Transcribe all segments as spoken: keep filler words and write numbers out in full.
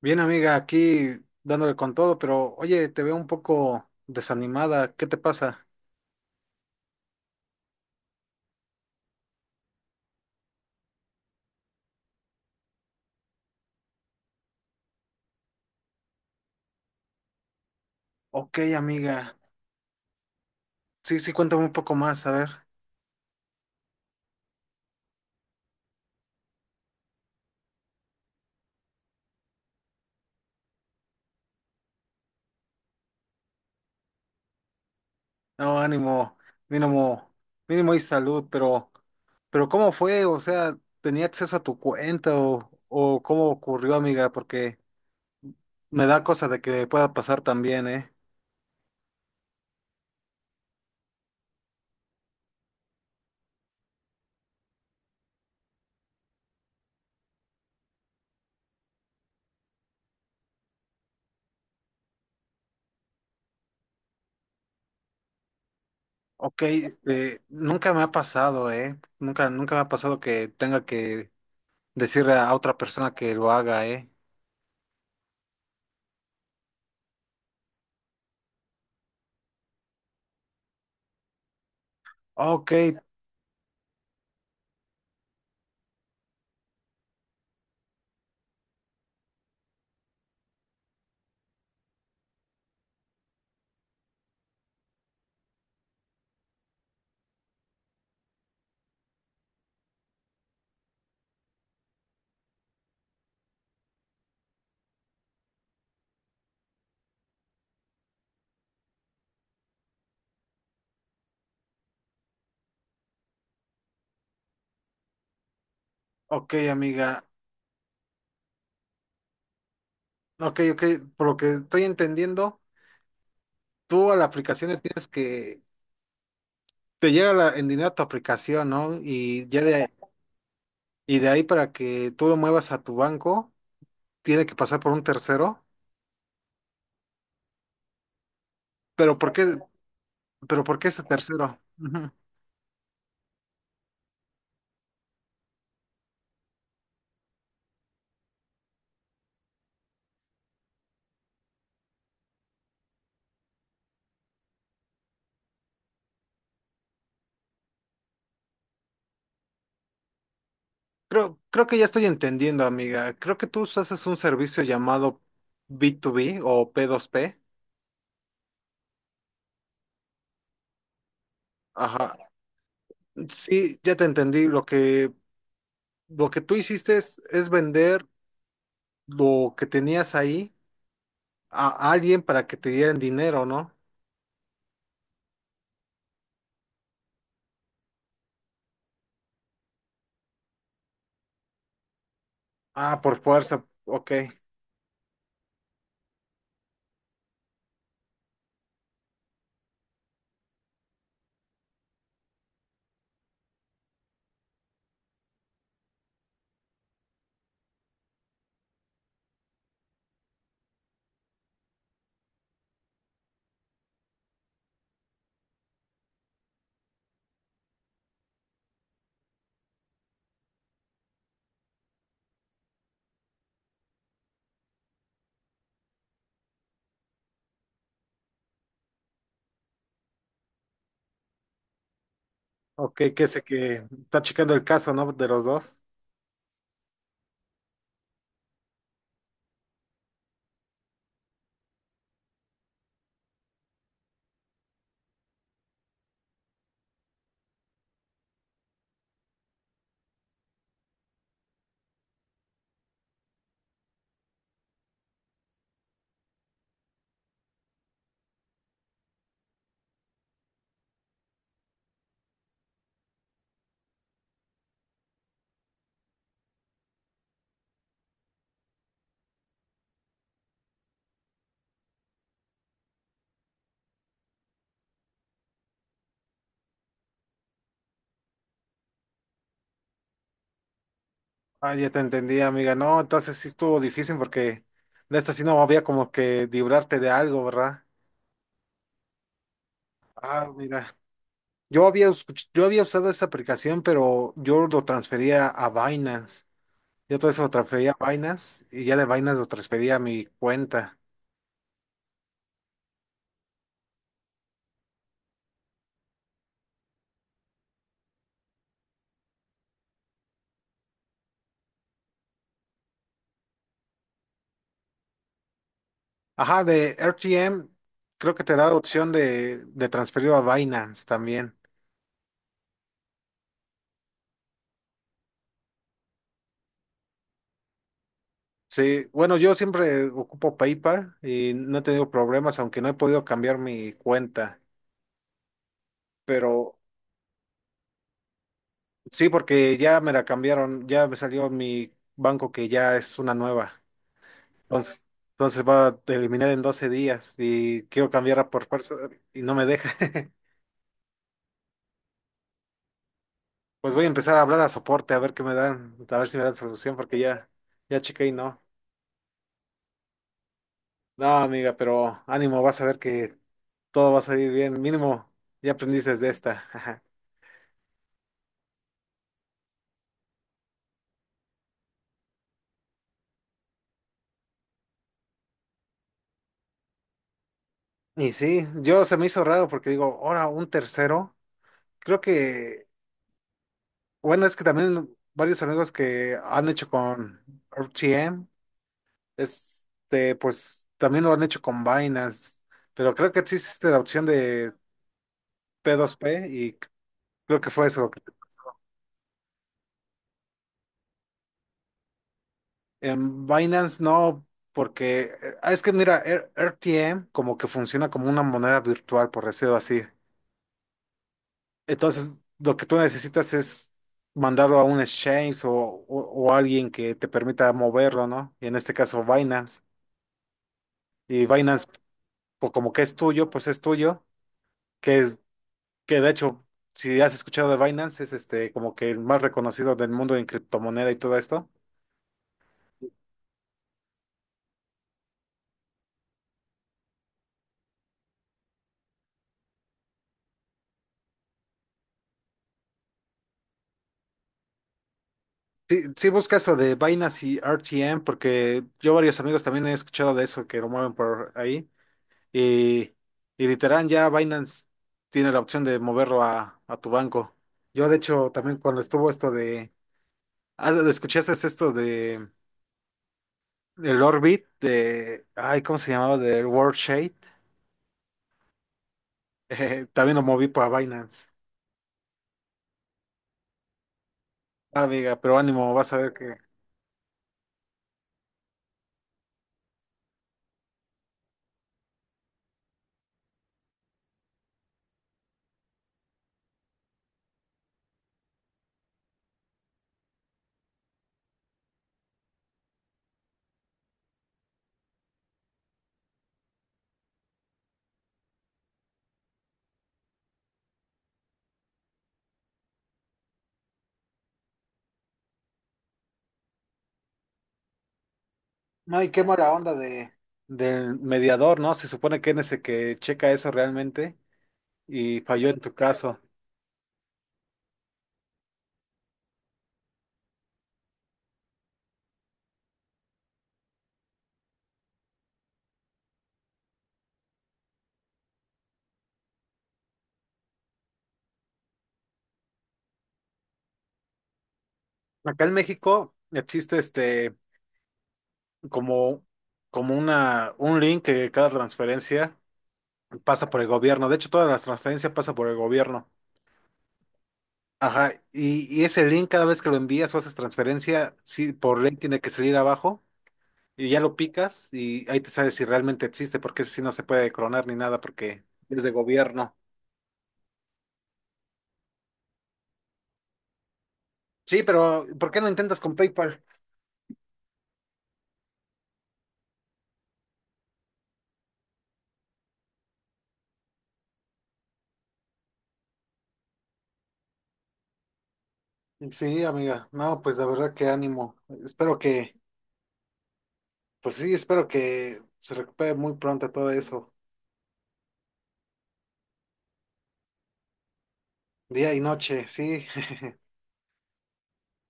Bien, amiga, aquí dándole con todo, pero oye, te veo un poco desanimada. ¿Qué te pasa? Ok, amiga. Sí, sí, cuéntame un poco más, a ver. No, ánimo, mínimo, mínimo y salud, pero, pero ¿cómo fue? O sea, ¿tenía acceso a tu cuenta o, o cómo ocurrió, amiga? Porque me da cosa de que pueda pasar también, ¿eh? Ok, este, nunca me ha pasado, ¿eh? Nunca, nunca me ha pasado que tenga que decirle a otra persona que lo haga, ¿eh? Ok. Ok, amiga. Ok, ok. Por lo que estoy entendiendo, tú a la aplicación le tienes que. Te llega la, en dinero a tu aplicación, ¿no? Y ya de, y de ahí para que tú lo muevas a tu banco, tiene que pasar por un tercero. Pero ¿por qué, pero ¿por qué este tercero? Ujú. Creo, creo que ya estoy entendiendo, amiga. Creo que tú haces un servicio llamado B dos B o p dos p. Ajá. Sí, ya te entendí. Lo que, lo que tú hiciste es, es vender lo que tenías ahí a alguien para que te dieran dinero, ¿no? Ah, por fuerza, ok, ok, que sé que está checando el caso, ¿no? De los dos. Ah, ya te entendí, amiga. No, entonces sí estuvo difícil porque de esta sí no había como que librarte de algo, ¿verdad? Ah, mira. Yo había, escuch- yo había usado esa aplicación, pero yo lo transfería a Binance. Yo todo eso lo transfería a Binance y ya de Binance lo transfería a mi cuenta. Ajá, de R T M creo que te da la opción de, de transferirlo a Binance también. Sí, bueno, yo siempre ocupo PayPal y no he tenido problemas, aunque no he podido cambiar mi cuenta. Pero sí, porque ya me la cambiaron, ya me salió mi banco que ya es una nueva. Entonces, entonces va a eliminar en doce días y quiero cambiarla por fuerza y no me deja. Pues voy a empezar a hablar a soporte a ver qué me dan, a ver si me dan solución, porque ya, ya chequé y no. No, amiga, pero ánimo, vas a ver que todo va a salir bien. Mínimo, ya aprendiste de esta. Y sí, yo se me hizo raro porque digo, ahora un tercero. Creo que, bueno, es que también varios amigos que han hecho con R T M, este, pues también lo han hecho con Binance, pero creo que sí existe la opción de p dos p y creo que fue eso. En Binance no, porque eh, ah, es que mira, R- RTM como que funciona como una moneda virtual, por decirlo así. Entonces, lo que tú necesitas es mandarlo a un exchange o, o, o alguien que te permita moverlo, ¿no? Y en este caso Binance. Y Binance, pues como que es tuyo, pues es tuyo, que es, que de hecho, si has escuchado de Binance, es este como que el más reconocido del mundo en criptomoneda y todo esto. Sí, sí busca eso de Binance y R T M, porque yo varios amigos también he escuchado de eso que lo mueven por ahí. Y, y literal ya Binance tiene la opción de moverlo a, a tu banco. Yo de hecho también cuando estuvo esto de. Ah, ¿escuchaste esto de el Orbit de. Ay, ¿cómo se llamaba? Del World Shade. Eh, también lo moví para Binance. Ah, amiga, pero ánimo, vas a ver que. No, y qué mala onda de del mediador, ¿no? Se supone que es ese que checa eso realmente. Y falló en tu caso. Acá en México existe este como, como una, un link que cada transferencia pasa por el gobierno. De hecho, todas las transferencias pasan por el gobierno. Ajá, y, y ese link cada vez que lo envías o haces transferencia, sí, por link tiene que salir abajo y ya lo picas y ahí te sabes si realmente existe, porque ese sí no se puede clonar ni nada porque es de gobierno. Sí, pero ¿por qué no intentas con PayPal? Sí, amiga. No, pues la verdad que ánimo. Espero que. Pues sí, espero que se recupere muy pronto todo eso, día y noche, sí.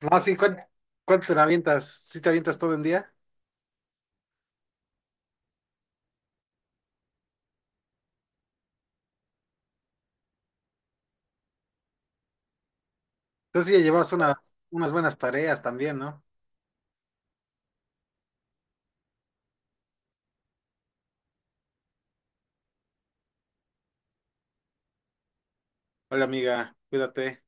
No, sí, ¿cuán- ¿cuánto, te avientas? ¿Sí te avientas todo en día? Entonces sí, ya llevas una, unas buenas tareas también, ¿no? Hola amiga, cuídate.